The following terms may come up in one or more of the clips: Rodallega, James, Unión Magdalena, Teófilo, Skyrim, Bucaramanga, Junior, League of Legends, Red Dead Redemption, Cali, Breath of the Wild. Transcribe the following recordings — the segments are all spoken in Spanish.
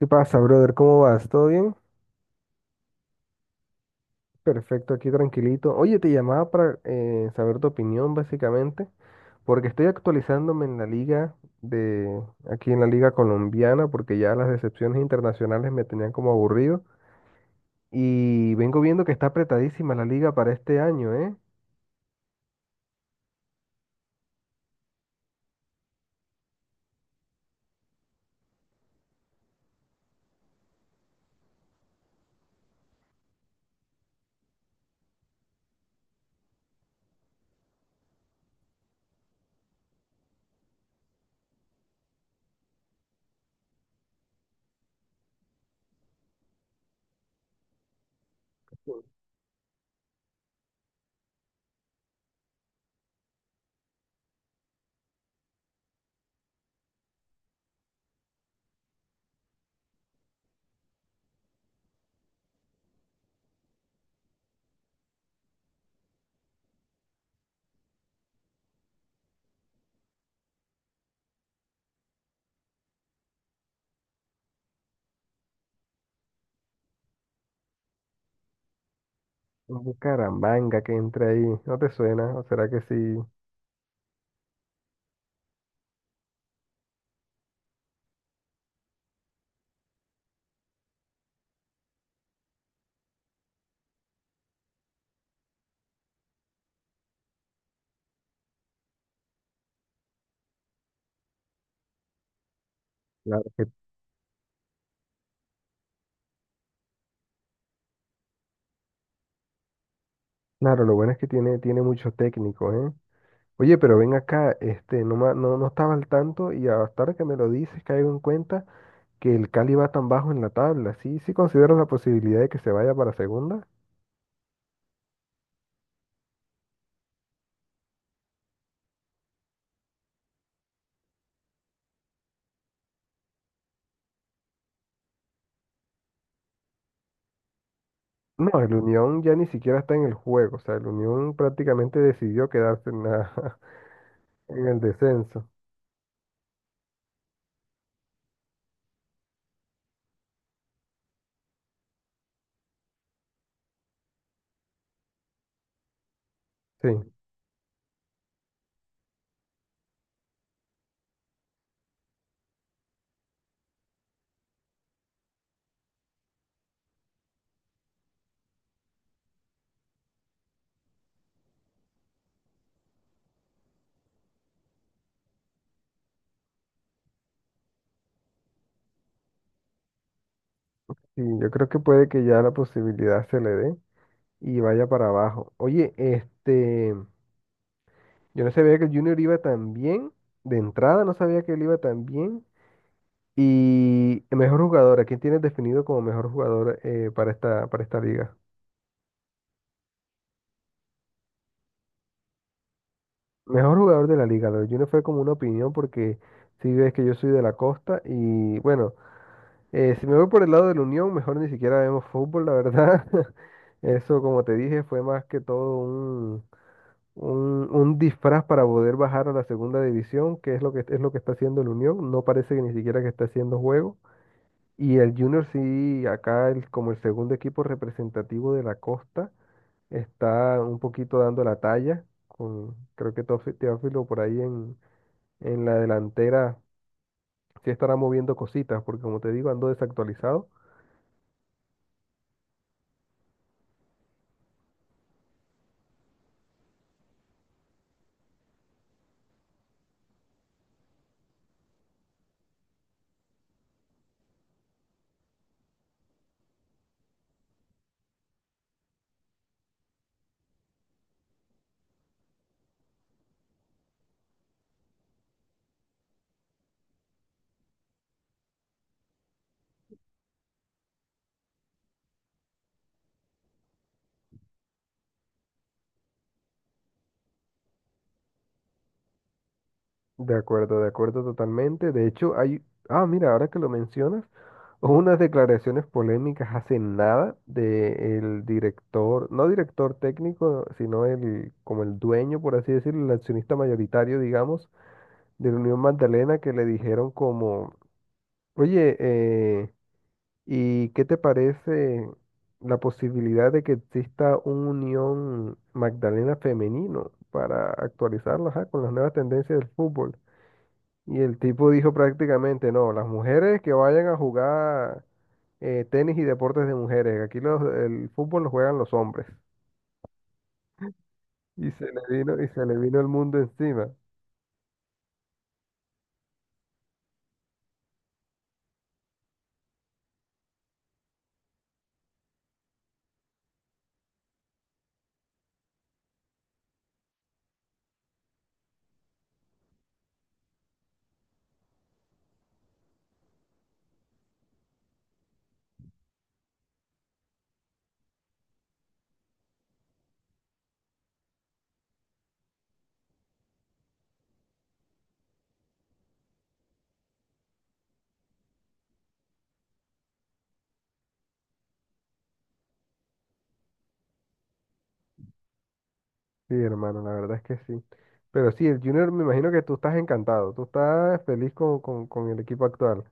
¿Qué pasa, brother? ¿Cómo vas? ¿Todo bien? Perfecto, aquí tranquilito. Oye, te llamaba para saber tu opinión, básicamente, porque estoy actualizándome en la liga de, aquí en la liga colombiana, porque ya las decepciones internacionales me tenían como aburrido. Y vengo viendo que está apretadísima la liga para este año, ¿eh? Un Bucaramanga que entra ahí, ¿no te suena? ¿O será que sí? Claro, claro, lo bueno es que tiene, tiene mucho técnico, ¿eh? Oye, pero ven acá, no, no, no estaba al tanto y hasta ahora que me lo dices caigo en cuenta que el Cali va tan bajo en la tabla. ¿Sí, sí consideras la posibilidad de que se vaya para segunda? No, el Unión ya ni siquiera está en el juego. O sea, el Unión prácticamente decidió quedarse en el descenso. Sí, sí, yo creo que puede que ya la posibilidad se le dé y vaya para abajo. Oye, este, yo no sabía que el Junior iba tan bien. De entrada no sabía que él iba tan bien. Y el mejor jugador, ¿a quién tienes definido como mejor jugador para esta liga? Mejor jugador de la liga, lo de Junior fue como una opinión porque si ves que yo soy de la costa y bueno, si me voy por el lado de la Unión, mejor ni siquiera vemos fútbol, la verdad. Eso, como te dije, fue más que todo un disfraz para poder bajar a la segunda división, que es lo que, es lo que está haciendo el Unión. No parece que ni siquiera que está haciendo juego. Y el Junior sí, acá como el segundo equipo representativo de la costa. Está un poquito dando la talla, con, creo que Teófilo por ahí en la delantera sí estará moviendo cositas, porque como te digo, ando desactualizado. De acuerdo totalmente. De hecho, ah, mira, ahora que lo mencionas, hubo unas declaraciones polémicas hace nada del director, no director técnico, sino el, como el dueño, por así decirlo, el accionista mayoritario, digamos, de la Unión Magdalena, que le dijeron como, oye, ¿y qué te parece la posibilidad de que exista una Unión Magdalena femenino para actualizarla, ajá, con las nuevas tendencias del fútbol? Y el tipo dijo prácticamente, no, las mujeres que vayan a jugar tenis y deportes de mujeres, aquí los, el fútbol lo juegan los hombres. Y se le vino, y se le vino el mundo encima. Sí, hermano, la verdad es que sí. Pero sí, el Junior, me imagino que tú estás encantado, tú estás feliz con el equipo actual.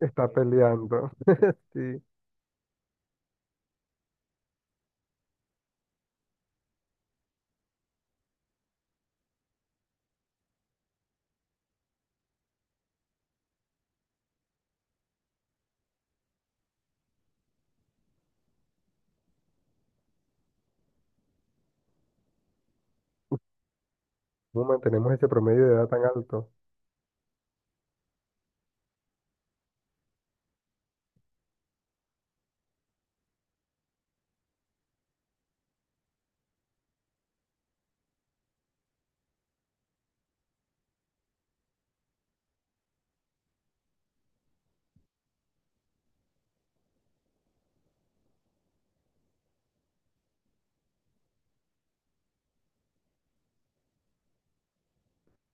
Está peleando. Sí. ¿Cómo mantenemos ese promedio de edad tan alto?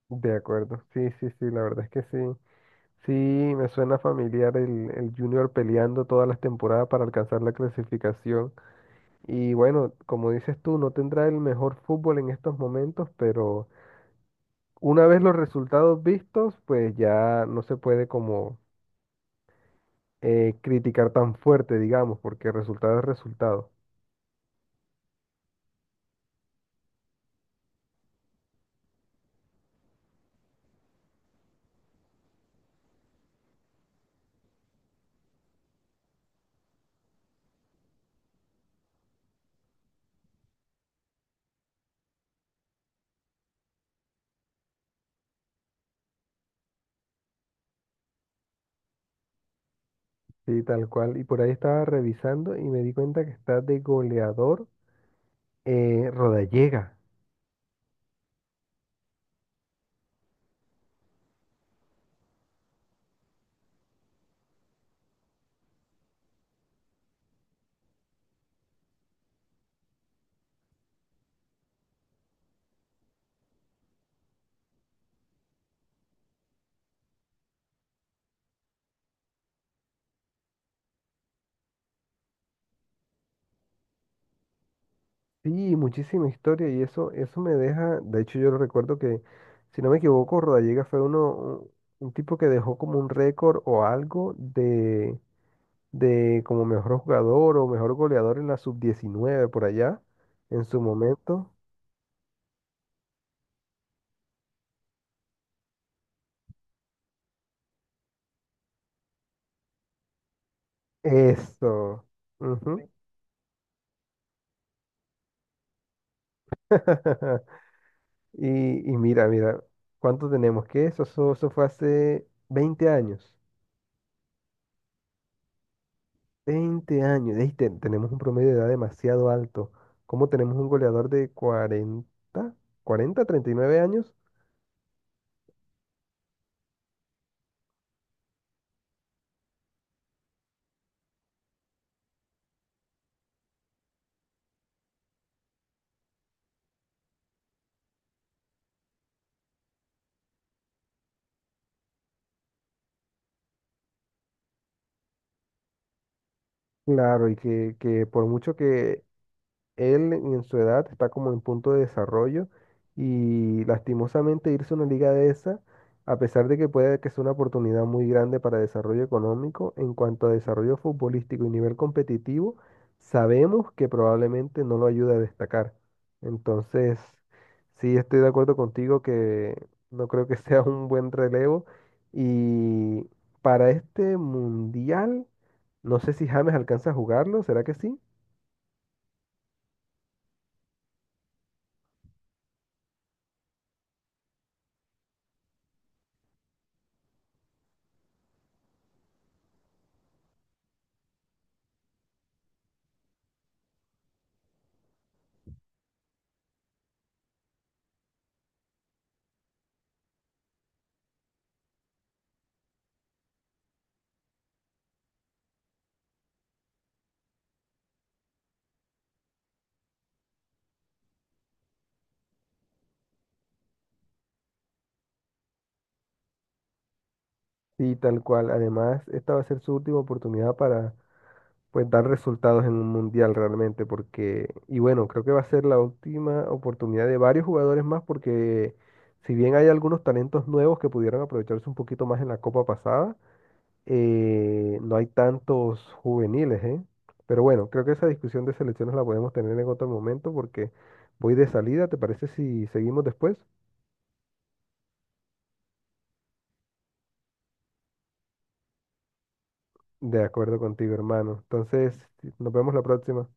De acuerdo, sí, sí, sí, la verdad es que sí. Sí, me suena familiar el Junior peleando todas las temporadas para alcanzar la clasificación. Y bueno, como dices tú, no tendrá el mejor fútbol en estos momentos, pero una vez los resultados vistos, pues ya no se puede como criticar tan fuerte, digamos, porque resultado es resultado. Sí, tal cual. Y por ahí estaba revisando y me di cuenta que está de goleador Rodallega. Sí, muchísima historia y eso me deja, de hecho yo recuerdo que, si no me equivoco, Rodallega fue uno, un tipo que dejó como un récord o algo de, como mejor jugador o mejor goleador en la sub-19 por allá, en su momento. Eso. Ujú. Y mira, mira, ¿cuánto tenemos? ¿Qué eso? Eso fue hace 20 años. 20 años, ey, tenemos un promedio de edad demasiado alto. ¿Cómo tenemos un goleador de 40, 40, 39 años? Claro, y que por mucho que él en su edad está como en punto de desarrollo y lastimosamente irse a una liga de esa, a pesar de que puede que sea una oportunidad muy grande para desarrollo económico, en cuanto a desarrollo futbolístico y nivel competitivo, sabemos que probablemente no lo ayuda a destacar. Entonces, sí estoy de acuerdo contigo que no creo que sea un buen relevo y para este mundial, no sé si James alcanza a jugarlo, ¿será que sí? Sí, tal cual. Además, esta va a ser su última oportunidad para pues dar resultados en un mundial realmente, porque, y bueno, creo que va a ser la última oportunidad de varios jugadores más, porque si bien hay algunos talentos nuevos que pudieron aprovecharse un poquito más en la Copa pasada, no hay tantos juveniles, ¿eh? Pero bueno, creo que esa discusión de selecciones la podemos tener en otro momento, porque voy de salida, ¿te parece si seguimos después? De acuerdo contigo, hermano. Entonces, nos vemos la próxima.